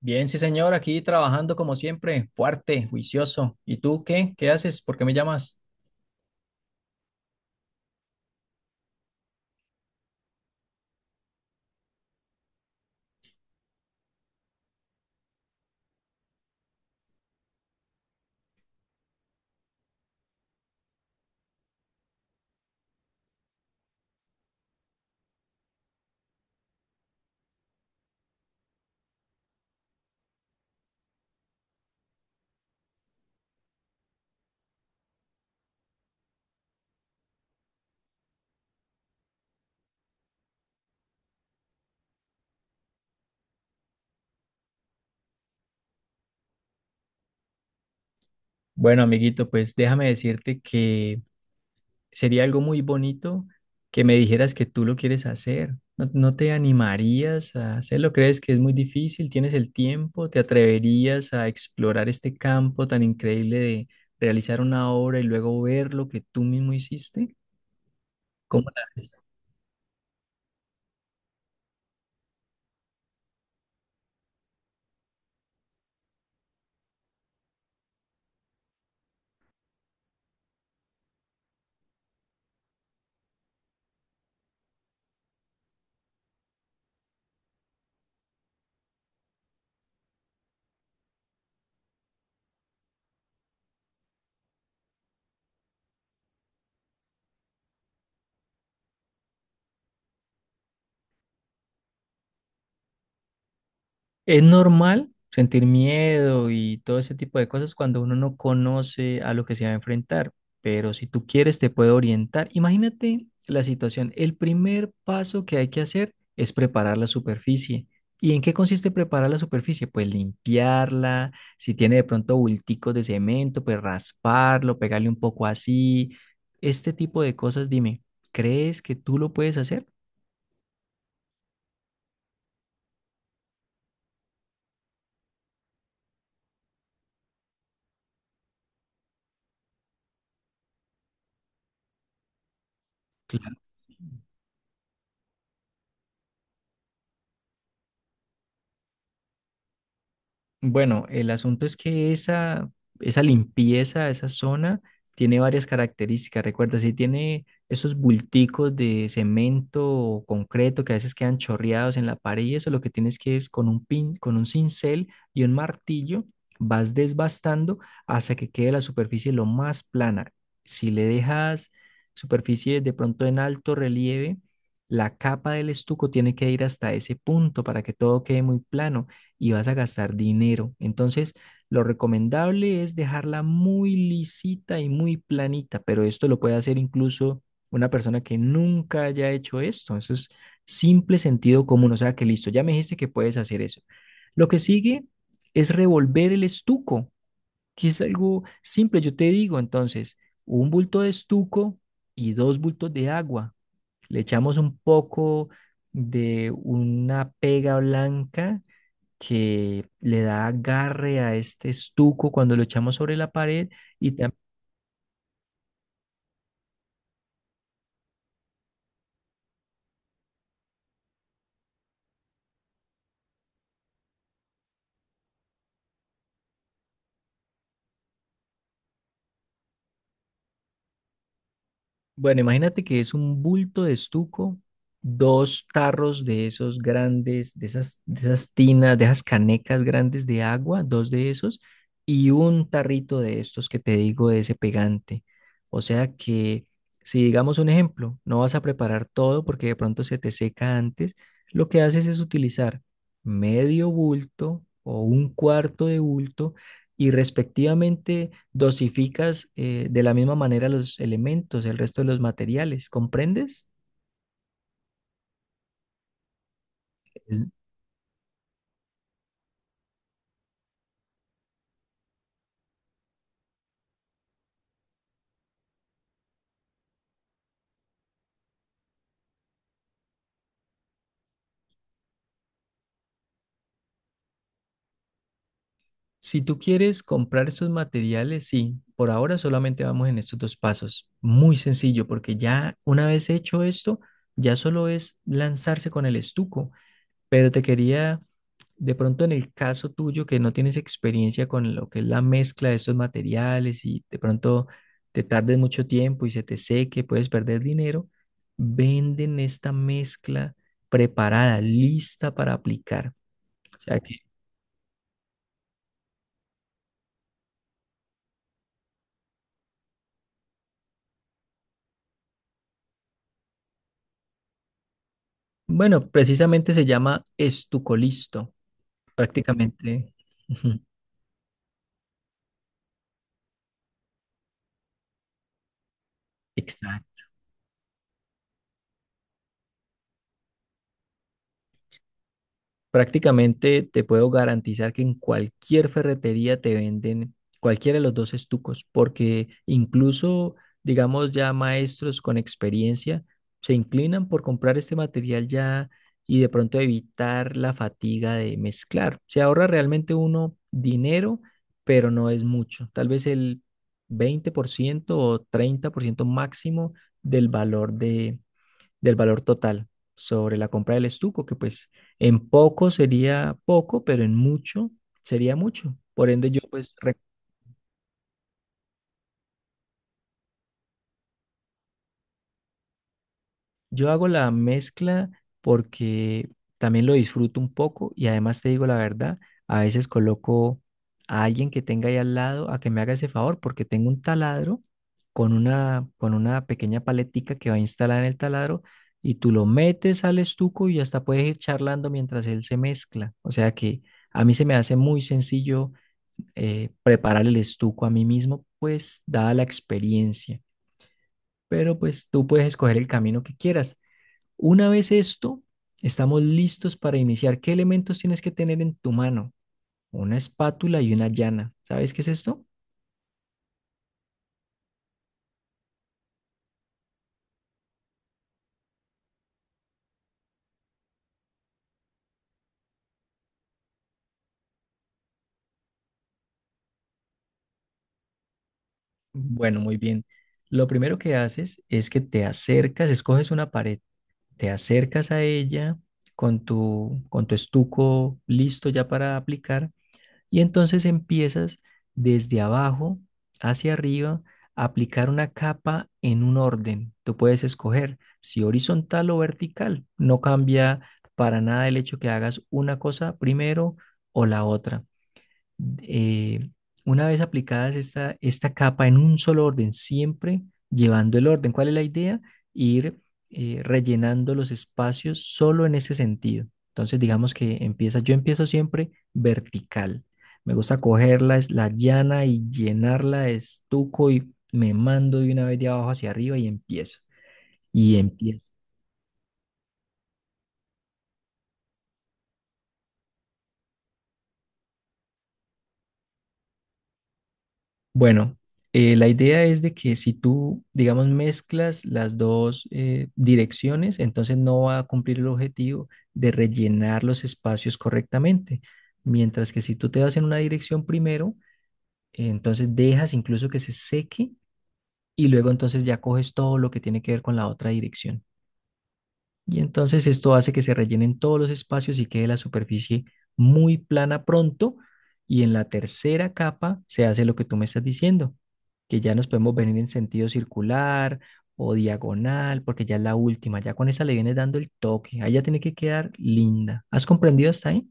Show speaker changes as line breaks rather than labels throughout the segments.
Bien, sí, señor, aquí trabajando como siempre, fuerte, juicioso. ¿Y tú qué? ¿Qué haces? ¿Por qué me llamas? Bueno, amiguito, pues déjame decirte que sería algo muy bonito que me dijeras que tú lo quieres hacer. ¿No, no te animarías a hacerlo? ¿Crees que es muy difícil? ¿Tienes el tiempo? ¿Te atreverías a explorar este campo tan increíble de realizar una obra y luego ver lo que tú mismo hiciste? ¿Cómo la ves? Es normal sentir miedo y todo ese tipo de cosas cuando uno no conoce a lo que se va a enfrentar, pero si tú quieres te puede orientar. Imagínate la situación. El primer paso que hay que hacer es preparar la superficie. ¿Y en qué consiste preparar la superficie? Pues limpiarla, si tiene de pronto bulticos de cemento, pues rasparlo, pegarle un poco así. Este tipo de cosas, dime, ¿crees que tú lo puedes hacer? Claro. Bueno, el asunto es que esa limpieza, esa zona, tiene varias características. Recuerda, si tiene esos bulticos de cemento o concreto que a veces quedan chorreados en la pared y eso, lo que tienes que es con un pin, con un cincel y un martillo, vas desbastando hasta que quede la superficie lo más plana. Si le dejas superficie de pronto en alto relieve, la capa del estuco tiene que ir hasta ese punto para que todo quede muy plano y vas a gastar dinero. Entonces, lo recomendable es dejarla muy lisita y muy planita, pero esto lo puede hacer incluso una persona que nunca haya hecho esto. Eso es simple sentido común, o sea que listo, ya me dijiste que puedes hacer eso. Lo que sigue es revolver el estuco, que es algo simple, yo te digo, entonces, un bulto de estuco y dos bultos de agua. Le echamos un poco de una pega blanca que le da agarre a este estuco cuando lo echamos sobre la pared y, tam- Bueno, imagínate que es un bulto de estuco, dos tarros de esos grandes, de esas, tinas, de esas canecas grandes de agua, dos de esos, y un tarrito de estos que te digo de ese pegante. O sea que, si digamos un ejemplo, no vas a preparar todo porque de pronto se te seca antes, lo que haces es utilizar medio bulto o un cuarto de bulto y respectivamente dosificas de la misma manera los elementos, el resto de los materiales, ¿comprendes? Es- Si tú quieres comprar estos materiales, sí, por ahora solamente vamos en estos dos pasos. Muy sencillo, porque ya una vez hecho esto, ya solo es lanzarse con el estuco. Pero te quería, de pronto en el caso tuyo que no tienes experiencia con lo que es la mezcla de estos materiales y de pronto te tardes mucho tiempo y se te seque, puedes perder dinero, venden esta mezcla preparada, lista para aplicar. O sea que, bueno, precisamente se llama estucolisto, prácticamente. Exacto. Prácticamente te puedo garantizar que en cualquier ferretería te venden cualquiera de los dos estucos, porque incluso, digamos, ya maestros con experiencia se inclinan por comprar este material ya y de pronto evitar la fatiga de mezclar. Se ahorra realmente uno dinero, pero no es mucho. Tal vez el 20% o 30% máximo del valor de del valor total sobre la compra del estuco, que pues en poco sería poco, pero en mucho sería mucho. Por ende, yo pues yo hago la mezcla porque también lo disfruto un poco y además te digo la verdad, a veces coloco a alguien que tenga ahí al lado a que me haga ese favor porque tengo un taladro con una, pequeña paletica que va a instalar en el taladro y tú lo metes al estuco y hasta puedes ir charlando mientras él se mezcla. O sea que a mí se me hace muy sencillo preparar el estuco a mí mismo, pues dada la experiencia. Pero pues tú puedes escoger el camino que quieras. Una vez esto, estamos listos para iniciar. ¿Qué elementos tienes que tener en tu mano? Una espátula y una llana. ¿Sabes qué es esto? Bueno, muy bien. Lo primero que haces es que te acercas, escoges una pared, te acercas a ella con tu, estuco listo ya para aplicar. Y entonces empiezas desde abajo hacia arriba a aplicar una capa en un orden. Tú puedes escoger si horizontal o vertical. No cambia para nada el hecho que hagas una cosa primero o la otra. eh, una vez aplicadas esta, capa en un solo orden, siempre llevando el orden. ¿Cuál es la idea? Ir, rellenando los espacios solo en ese sentido. Entonces, digamos que empieza, yo empiezo siempre vertical. Me gusta cogerla, es la llana y llenarla de estuco y me mando de una vez de abajo hacia arriba y empiezo. Y empiezo. Bueno, la idea es de que si tú, digamos, mezclas las dos, direcciones, entonces no va a cumplir el objetivo de rellenar los espacios correctamente. Mientras que si tú te vas en una dirección primero, entonces dejas incluso que se seque y luego entonces ya coges todo lo que tiene que ver con la otra dirección. Y entonces esto hace que se rellenen todos los espacios y quede la superficie muy plana pronto. Y en la tercera capa se hace lo que tú me estás diciendo, que ya nos podemos venir en sentido circular o diagonal, porque ya es la última. Ya con esa le vienes dando el toque. Ahí ya tiene que quedar linda. ¿Has comprendido hasta ahí?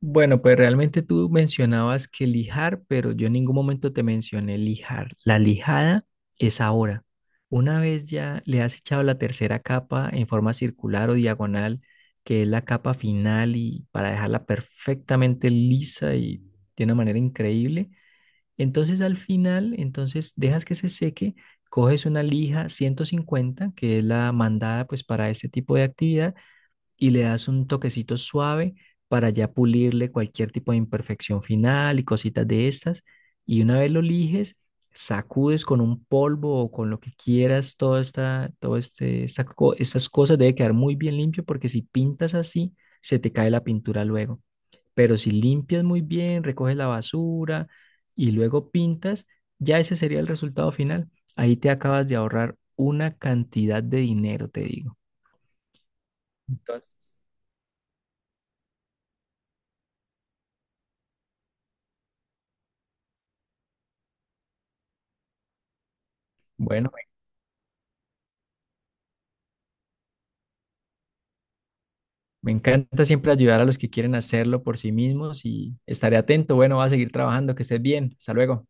Bueno, pues realmente tú mencionabas que lijar, pero yo en ningún momento te mencioné lijar. La lijada es ahora. Una vez ya le has echado la tercera capa en forma circular o diagonal, que es la capa final y para dejarla perfectamente lisa y de una manera increíble, entonces al final, entonces dejas que se seque, coges una lija 150, que es la mandada pues para este tipo de actividad y le das un toquecito suave para ya pulirle cualquier tipo de imperfección final y cositas de estas. Y una vez lo lijes, sacudes con un polvo o con lo que quieras, toda esta, todo este, esta co- estas cosas debe quedar muy bien limpio porque si pintas así, se te cae la pintura luego. Pero si limpias muy bien, recoges la basura y luego pintas, ya ese sería el resultado final. Ahí te acabas de ahorrar una cantidad de dinero, te digo. Bueno, me encanta siempre ayudar a los que quieren hacerlo por sí mismos y estaré atento. Bueno, va a seguir trabajando, que estés bien. Hasta luego.